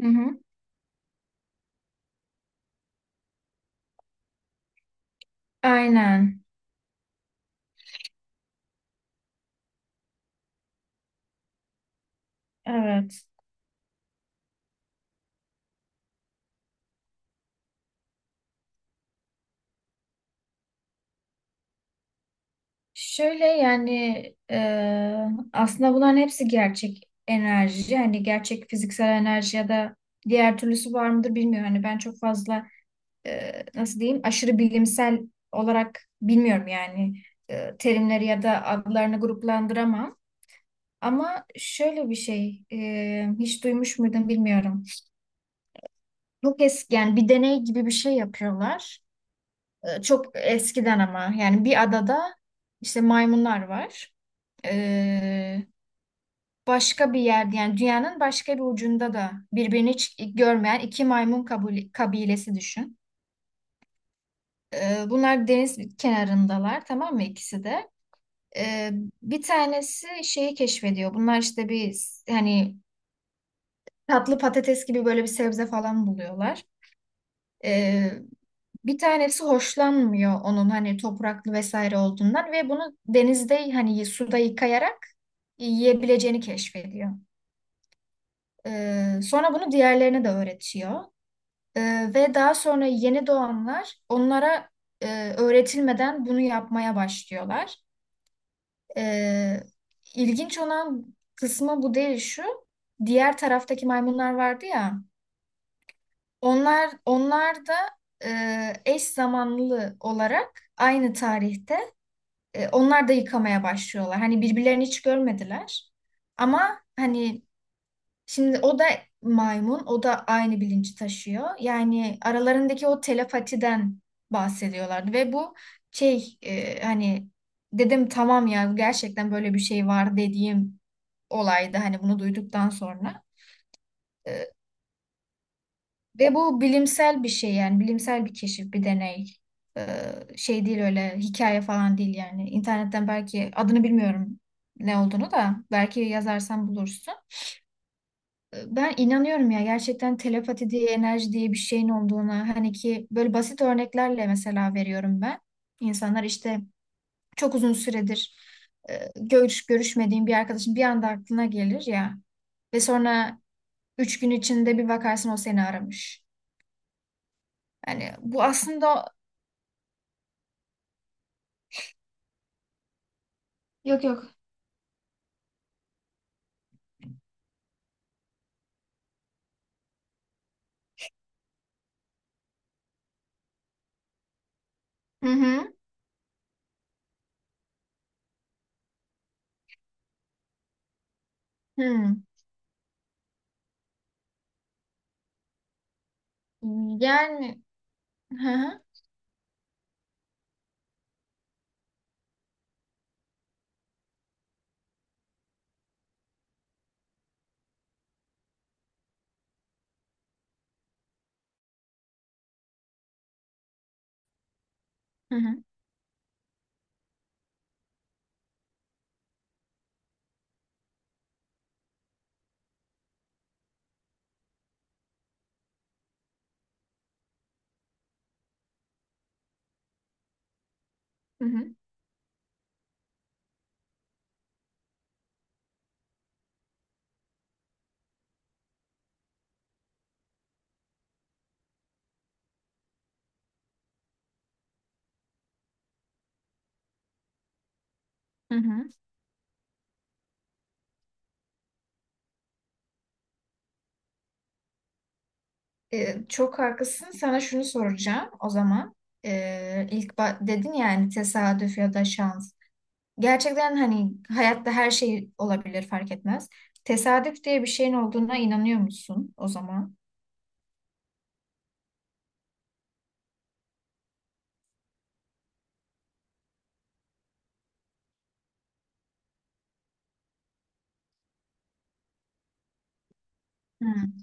Hı hı. Aynen. Evet. Şöyle yani e, aslında bunların hepsi gerçek enerji. Hani gerçek fiziksel enerji ya da diğer türlüsü var mıdır bilmiyorum. Hani ben çok fazla nasıl diyeyim aşırı bilimsel olarak bilmiyorum yani terimleri ya da adlarını gruplandıramam. Ama şöyle bir şey hiç duymuş muydun bilmiyorum. Çok eski yani bir deney gibi bir şey yapıyorlar. Çok eskiden ama yani bir adada işte maymunlar var. Ee, Başka bir yerde yani dünyanın başka bir ucunda da birbirini hiç görmeyen iki maymun kabilesi düşün. Bunlar deniz kenarındalar, tamam mı, ikisi de. Ee, Bir tanesi şeyi keşfediyor. Bunlar işte bir hani tatlı patates gibi böyle bir sebze falan buluyorlar. Bir tanesi hoşlanmıyor onun hani topraklı vesaire olduğundan ve bunu denizde hani suda yıkayarak yiyebileceğini keşfediyor. Sonra bunu diğerlerine de öğretiyor. Ve daha sonra yeni doğanlar onlara öğretilmeden bunu yapmaya başlıyorlar. Ee, ilginç olan kısmı bu değil, şu. Diğer taraftaki maymunlar vardı ya. Onlar da eş zamanlı olarak aynı tarihte, onlar da yıkamaya başlıyorlar. Hani birbirlerini hiç görmediler. Ama hani şimdi o da maymun, o da aynı bilinci taşıyor. Yani aralarındaki o telepatiden bahsediyorlardı ve bu hani dedim tamam ya, gerçekten böyle bir şey var dediğim olaydı hani bunu duyduktan sonra. Ve bu bilimsel bir şey, yani bilimsel bir keşif, bir deney. Ee, Şey değil, öyle hikaye falan değil yani. İnternetten, belki adını bilmiyorum ne olduğunu da, belki yazarsan bulursun. Ben inanıyorum ya, gerçekten telepati diye, enerji diye bir şeyin olduğuna. Hani ki böyle basit örneklerle mesela veriyorum ben. İnsanlar işte çok uzun süredir görüşmediğin bir arkadaşın bir anda aklına gelir ya ve sonra üç gün içinde bir bakarsın o seni aramış. Yani bu aslında. Yok, yok. Hı hı. Hı. Yani, hı hı. Hı hı. Hı hı. Hı hı. Çok haklısın. Sana şunu soracağım o zaman. Dedin yani tesadüf ya da şans. Gerçekten hani hayatta her şey olabilir, fark etmez. Tesadüf diye bir şeyin olduğuna inanıyor musun o zaman? Hı.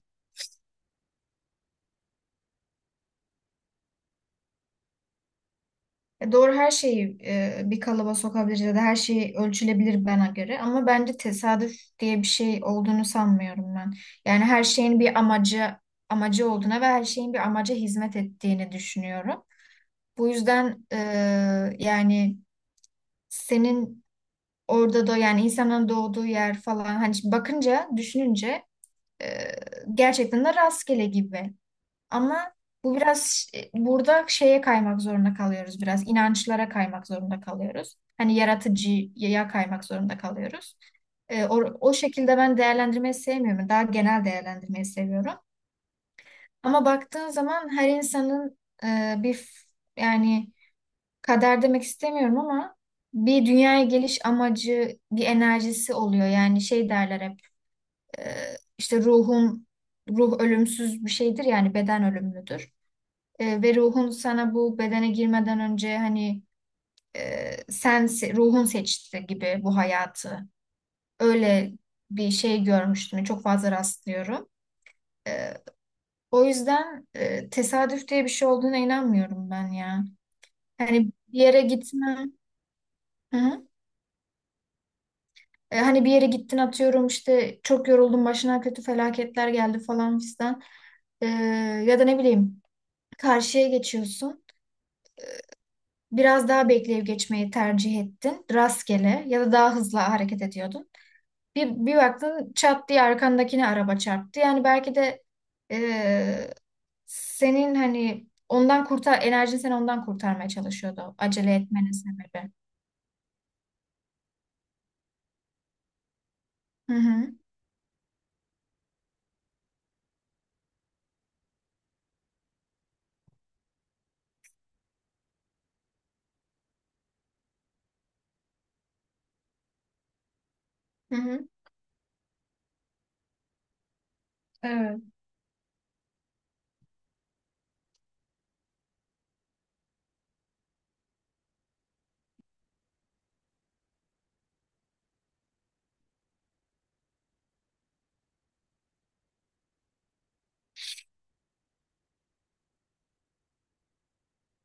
Doğru, her şeyi bir kalıba sokabiliriz ya da her şey ölçülebilir bana göre, ama bence tesadüf diye bir şey olduğunu sanmıyorum ben. Yani her şeyin bir amacı olduğuna ve her şeyin bir amaca hizmet ettiğini düşünüyorum. Bu yüzden yani senin orada da yani insanın doğduğu yer falan, hani bakınca düşününce e, gerçekten de rastgele gibi. Ama bu biraz burada şeye kaymak zorunda kalıyoruz biraz. İnançlara kaymak zorunda kalıyoruz. Hani yaratıcıya kaymak zorunda kalıyoruz. O şekilde ben değerlendirmeyi sevmiyorum. Daha genel değerlendirmeyi seviyorum. Ama baktığın zaman her insanın e, bir f- yani kader demek istemiyorum ama bir dünyaya geliş amacı, bir enerjisi oluyor. Yani şey derler hep, e, işte ruh ölümsüz bir şeydir yani, beden ölümlüdür. Ve ruhun sana bu bedene girmeden önce hani ruhun seçti gibi bu hayatı. Öyle bir şey görmüştüm. Çok fazla rastlıyorum. E, O yüzden tesadüf diye bir şey olduğuna inanmıyorum ben ya. Hani bir yere gitme. Hı hı. Hani bir yere gittin, atıyorum işte çok yoruldun, başına kötü felaketler geldi falan fistan. E, Ya da ne bileyim, karşıya geçiyorsun. Biraz daha bekleyip geçmeyi tercih ettin. Rastgele ya da daha hızlı hareket ediyordun. Bir baktın çat diye arkandakine araba çarptı. Yani belki de e, senin hani enerjin seni ondan kurtarmaya çalışıyordu. Acele etmenin sebebi. Hı hı. Hı hı. Evet.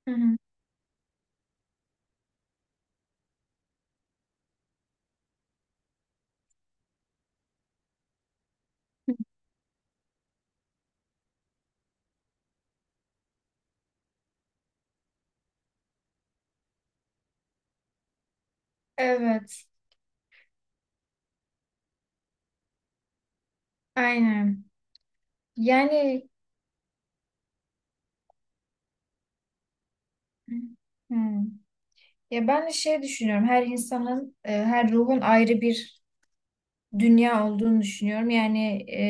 Hı hı. Evet, aynen. Yani, hmm. Ya ben de şey düşünüyorum. Her insanın, her ruhun ayrı bir dünya olduğunu düşünüyorum. Yani e,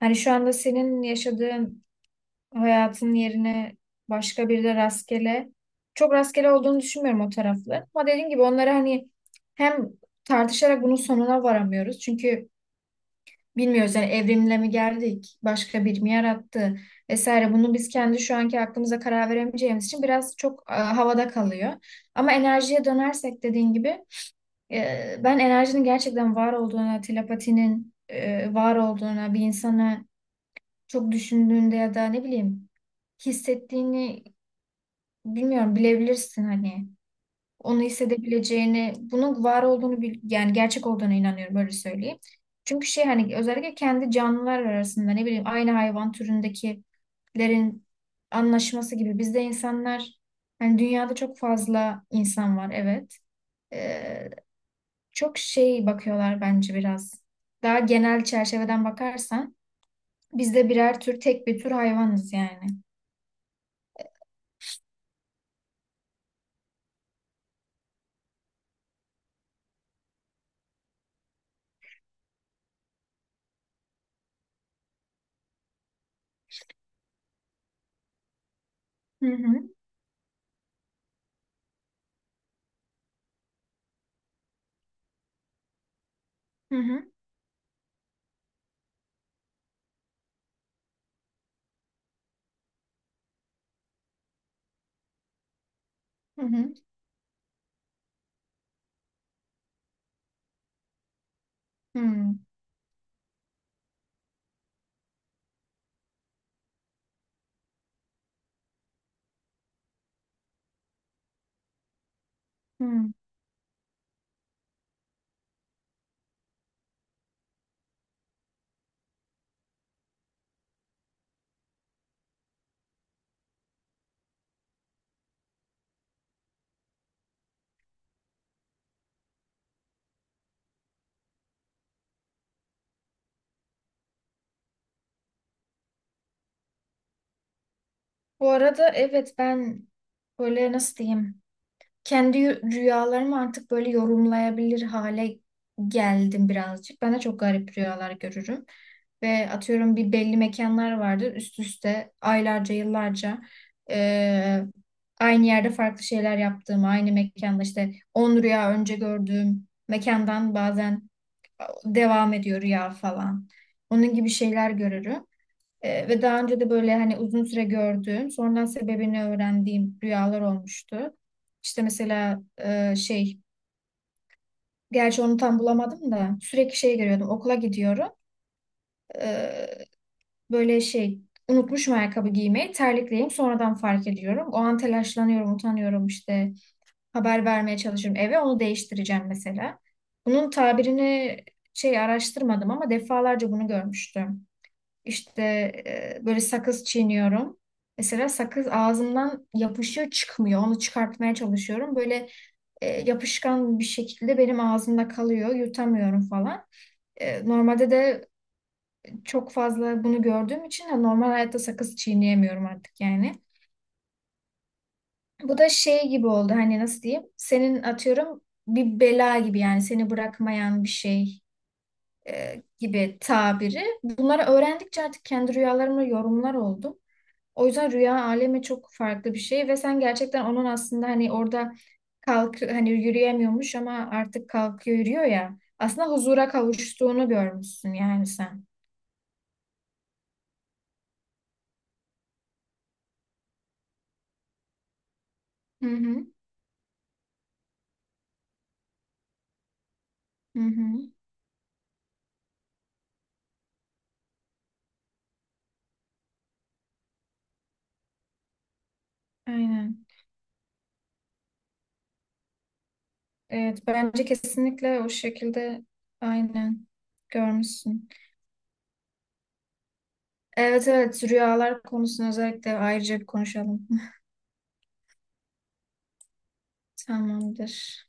hani şu anda senin yaşadığın hayatın yerine başka bir de rastgele. Çok rastgele olduğunu düşünmüyorum o taraflı. Ama dediğim gibi onları hani hem tartışarak bunun sonuna varamıyoruz. Çünkü bilmiyoruz yani, evrimle mi geldik, başka bir mi yarattı vesaire. Bunu biz kendi şu anki aklımıza karar veremeyeceğimiz için biraz çok havada kalıyor. Ama enerjiye dönersek dediğin gibi, ben enerjinin gerçekten var olduğuna, telepatinin var olduğuna, bir insana çok düşündüğünde ya da ne bileyim hissettiğini bilmiyorum, bilebilirsin hani. Onu hissedebileceğini, bunun var olduğunu yani gerçek olduğuna inanıyorum, böyle söyleyeyim. Çünkü şey, hani özellikle kendi canlılar arasında ne bileyim aynı hayvan türündekilerin anlaşması gibi bizde insanlar hani dünyada çok fazla insan var, evet. Ee, Çok şey bakıyorlar bence biraz. Daha genel çerçeveden bakarsan biz de birer tür, tek bir tür hayvanız yani. Hı hı, hı hı, hı hı, hı, hı. Bu arada evet, ben böyle nasıl diyeyim, kendi rüyalarımı artık böyle yorumlayabilir hale geldim birazcık. Ben de çok garip rüyalar görürüm. Ve atıyorum bir belli mekanlar vardır üst üste aylarca yıllarca, eee, aynı yerde farklı şeyler yaptığım, aynı mekanda işte 10 rüya önce gördüğüm mekandan bazen devam ediyor rüya falan. Onun gibi şeyler görürüm. Ve daha önce de böyle hani uzun süre gördüğüm, sonradan sebebini öğrendiğim rüyalar olmuştu. İşte mesela şey, gerçi onu tam bulamadım da sürekli şey görüyordum. Okula gidiyorum. Ee, Böyle şey, unutmuşum ayakkabı giymeyi, terlikleyeyim sonradan fark ediyorum. O an telaşlanıyorum, utanıyorum işte. Haber vermeye çalışıyorum eve, onu değiştireceğim mesela. Bunun tabirini şey araştırmadım ama defalarca bunu görmüştüm. İşte böyle sakız çiğniyorum. Mesela sakız ağzımdan yapışıyor çıkmıyor. Onu çıkartmaya çalışıyorum. Böyle yapışkan bir şekilde benim ağzımda kalıyor. Yutamıyorum falan. Normalde de çok fazla bunu gördüğüm için de normal hayatta sakız çiğneyemiyorum artık yani. Bu da şey gibi oldu, hani nasıl diyeyim? Senin atıyorum bir bela gibi yani, seni bırakmayan bir şey gibi tabiri. Bunları öğrendikçe artık kendi rüyalarımla yorumlar oldum. O yüzden rüya alemi çok farklı bir şey ve sen gerçekten onun aslında hani orada kalk hani yürüyemiyormuş ama artık kalkıyor, yürüyor ya. Aslında huzura kavuştuğunu görmüşsün yani sen. Hı hı. Hı hı. Aynen. Evet, bence kesinlikle o şekilde aynen görmüşsün. Evet, evet, rüyalar konusunu özellikle ayrıca bir konuşalım. Tamamdır.